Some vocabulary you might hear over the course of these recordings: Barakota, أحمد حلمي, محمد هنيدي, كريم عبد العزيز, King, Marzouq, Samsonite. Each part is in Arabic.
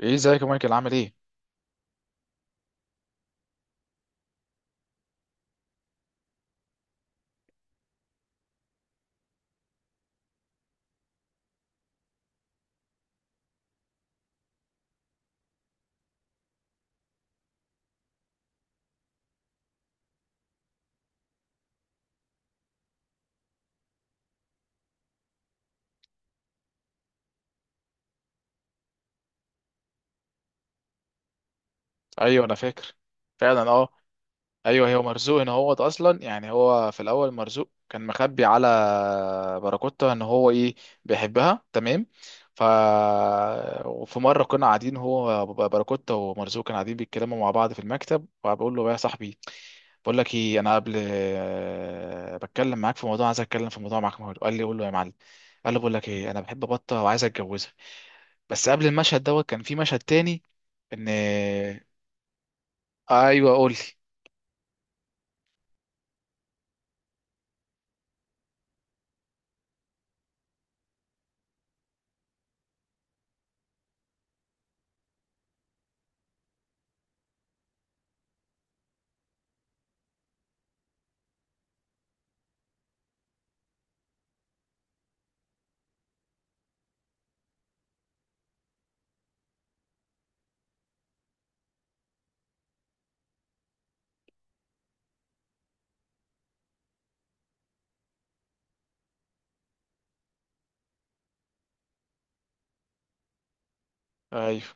ايه ازيك يا مايكل؟ عامل ايه؟ ايوه انا فاكر. فعلا. اه. ايوه. هو مرزوق ان هو اصلا يعني هو في الاول مرزوق كان مخبي على باراكوتا ان هو ايه، بيحبها. تمام. ف وفي مره كنا قاعدين، هو باراكوتا ومرزوق كانوا قاعدين بيتكلموا مع بعض في المكتب، وبقول له يا صاحبي بقول لك ايه، انا قبل بتكلم معاك في موضوع، عايز اتكلم في موضوع معاك. قال لي قول له يا معلم. قال له بقول لك ايه، انا بحب بطه وعايز اتجوزها. بس قبل المشهد دوت كان في مشهد تاني. ان ايوه، قول لي. ايوه.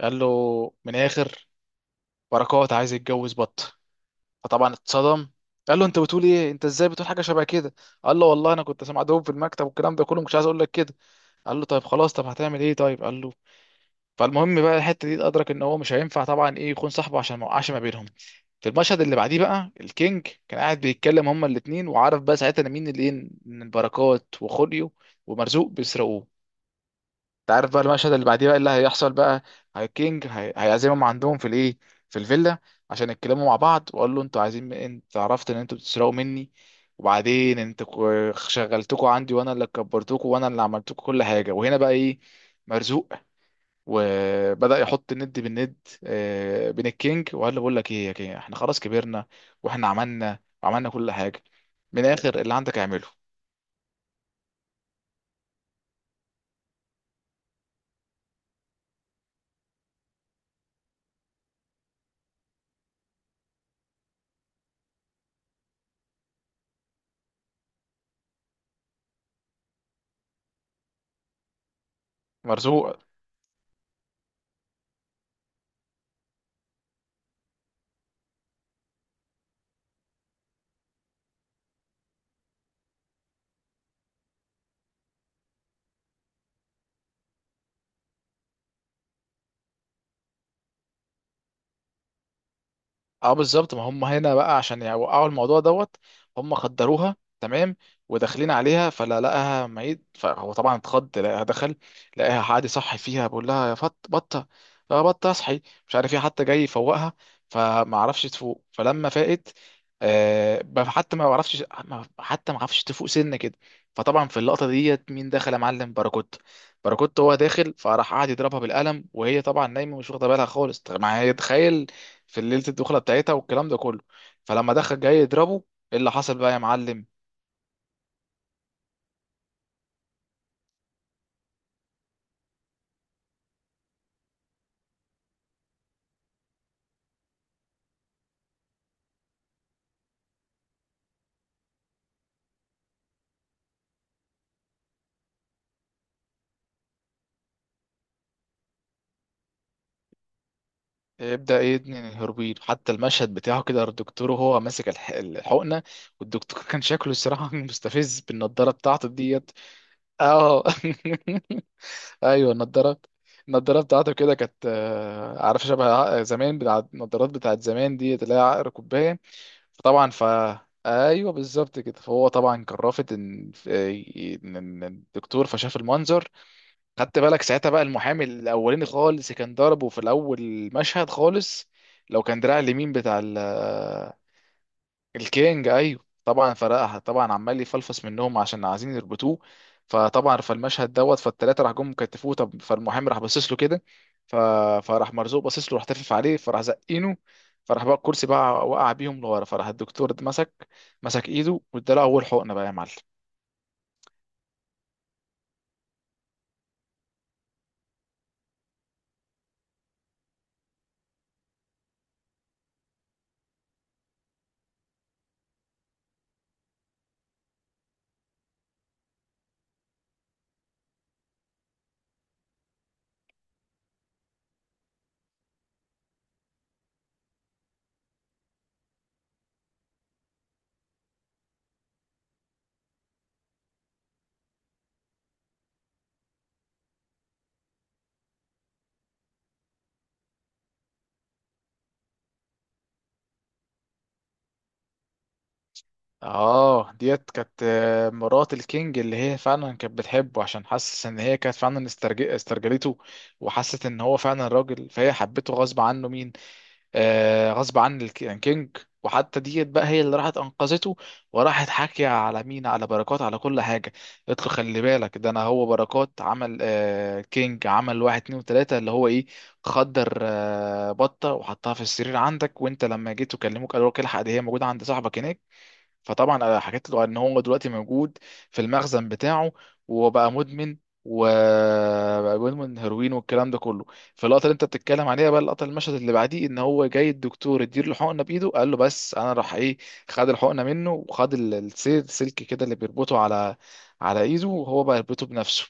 قال له من اخر بركات عايز يتجوز بط. فطبعا اتصدم. قال له انت بتقول ايه، انت ازاي بتقول حاجه شبه كده؟ قال له والله انا كنت سامع دوب في المكتب، والكلام ده كله مش عايز اقول لك كده. قال له طيب خلاص، طب هتعمل ايه؟ طيب قال له. فالمهم بقى الحته دي ادرك ان هو مش هينفع طبعا ايه، يكون صاحبه، عشان ما يوقعش ما بينهم. في المشهد اللي بعديه بقى، الكينج كان قاعد بيتكلم هما الاتنين، وعارف بقى ساعتها إن مين اللي ايه، ان البركات وخوليو ومرزوق بيسرقوه. انت عارف بقى المشهد اللي بعديه بقى اللي هيحصل بقى، هي كينج هي هيعزمهم عندهم في الايه، في الفيلا، عشان يتكلموا مع بعض. واقول له انتوا عايزين، انت عرفت ان انتوا بتسرقوا مني، وبعدين انتوا شغلتكوا عندي، وانا اللي كبرتكوا وانا اللي عملتكوا كل حاجه. وهنا بقى ايه، مرزوق وبدأ يحط الند بالند بين الكينج، وقال له بقول لك ايه يا كينج، احنا خلاص كبرنا واحنا عملنا وعملنا كل حاجه. من الاخر اللي عندك اعمله. مرزوق. اه بالظبط، ما هم هنا بقى عشان يوقعوا الموضوع دوت. هم خدروها. تمام. وداخلين عليها فلا لقاها ميت، فهو طبعا اتخض لقاها. دخل لقاها، حد صحي فيها بيقول لها يا فط بطه، يا بطه اصحي، مش عارف ايه، حتى جاي يفوقها فما عرفش تفوق. فلما فاقت، حتى ما عرفش حتى ما عرفش تفوق سنه كده. فطبعا في اللقطه ديت مين دخل يا معلم؟ باراكوت. باراكوت هو داخل، فراح قعد يضربها بالقلم، وهي طبعا نايمه مش واخده بالها خالص. طب ما هي تخيل في ليله الدخله بتاعتها والكلام ده كله. فلما دخل جاي يضربه، ايه اللي حصل بقى يا معلم؟ ابدا ايه ابن الهربين؟ حتى المشهد بتاعه كده، الدكتور وهو ماسك الحقنه، والدكتور كان شكله الصراحه مستفز بالنضاره بتاعته ديت. اه ايوه النضاره، النضاره بتاعته كده كانت عارف شبه زمان بتاع النضارات بتاعت زمان ديت، اللي هي عقر كوبايه. فطبعا ف، ايوه بالظبط كده. فهو طبعا كان رافض ان إن الدكتور، فشاف المنظر. خدت بالك ساعتها بقى المحامي الاولاني خالص كان ضربه في الاول المشهد خالص، لو كان دراع اليمين بتاع الكينج. ايوه طبعا فرقها، طبعا عمال يفلفص منهم عشان عايزين يربطوه. فطبعا فالمشهد دوت، فالتلاته راح جم كتفوه. طب فالمحامي راح باصص له كده، ف، فراح مرزوق باصص له، راح تفف عليه، فراح زقينه. فراح بقى الكرسي بقى وقع بيهم لورا، فراح الدكتور ده مسك، مسك ايده واداله اول حقنه بقى يا معلم. اه ديت كانت مرات الكينج، اللي هي فعلا كانت بتحبه عشان حاسس ان هي كانت فعلا استرجلته، وحست ان هو فعلا راجل، فهي حبته غصب عنه مين، غصب عن الكينج. وحتى ديت بقى هي اللي راحت انقذته، وراحت حاكيه على مين، على بركات، على كل حاجه. قلت له خلي بالك ده، انا هو بركات عمل كينج عمل واحد اتنين وتلاته، اللي هو ايه، خدر بطه وحطها في السرير عندك، وانت لما جيت وكلموك قالوا لك الحق دي هي موجوده عند صاحبك هناك. فطبعا انا حكيت له ان هو دلوقتي موجود في المخزن بتاعه، وهو بقى مدمن، وبقى مدمن هيروين والكلام ده كله. فاللقطه اللي انت بتتكلم عليها بقى، اللقطه المشهد اللي بعديه، ان هو جاي الدكتور يدير له حقنه بايده، قال له بس انا راح ايه، خد الحقنه منه، وخد السير سلك كده اللي بيربطه على على ايده، وهو بقى يربطه بنفسه.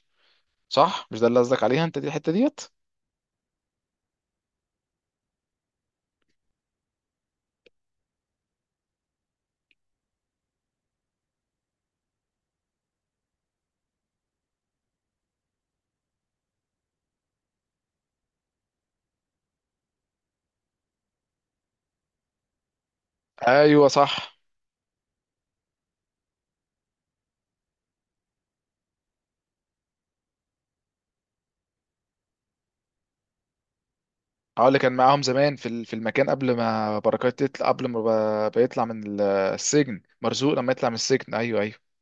صح؟ مش ده اللي قصدك عليها انت، دي الحته ديت؟ ايوه صح. اه اللي كان معاهم زمان في في المكان قبل ما بركات يطلع، قبل ما بيطلع من السجن، مرزوق لما يطلع من السجن. ايوه ايوه.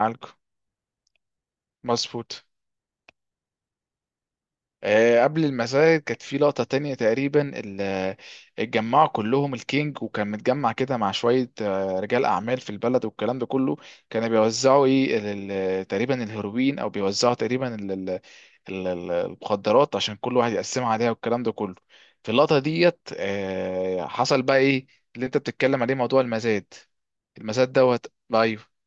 عالكو. مظبوط. قبل المساجد كانت في لقطة تانية، تقريبا اتجمعوا كلهم الكينج، وكان متجمع كده مع شوية رجال أعمال في البلد والكلام ده كله. كانوا بيوزعوا إيه تقريبا الهيروين، أو بيوزعوا تقريبا المخدرات، عشان كل واحد يقسمها عليها والكلام ده كله. في اللقطة ديت حصل بقى إيه اللي أنت بتتكلم عليه، موضوع المزاد، المزاد دوت. أيوه.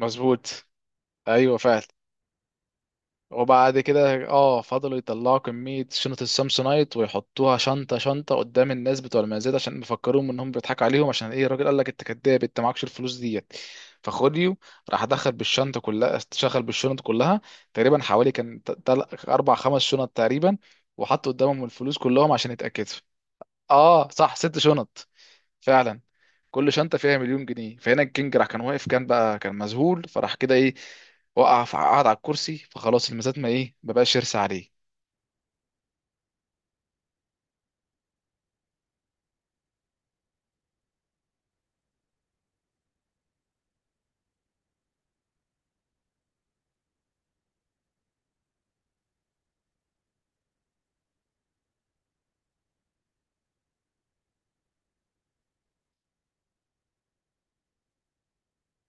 مظبوط. أيوه فعلا. وبعد كده فضلوا يطلعوا كمية شنط السامسونايت، ويحطوها شنطة شنطة قدام الناس بتوع المزاد عشان يفكروهم انهم بيضحكوا عليهم، عشان ايه الراجل قال لك انت كداب، انت معكش الفلوس ديت. فخديو راح دخل بالشنطة كلها، شغل بالشنط كلها تقريبا، حوالي كان اربع خمس شنط تقريبا، وحط قدامهم الفلوس كلهم عشان يتأكدوا. اه صح ست شنط فعلا، كل شنطه فيها مليون جنيه. فهنا الكينج راح كان واقف، كان بقى كان مذهول، فراح كده ايه، وقع قعد على الكرسي. فخلاص الميزات ما بقاش يرسى عليه.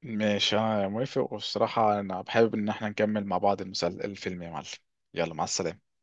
ماشي انا موافق، والصراحه انا حابب ان احنا نكمل مع بعض الفيلم يا معلم. يلا مع السلامه.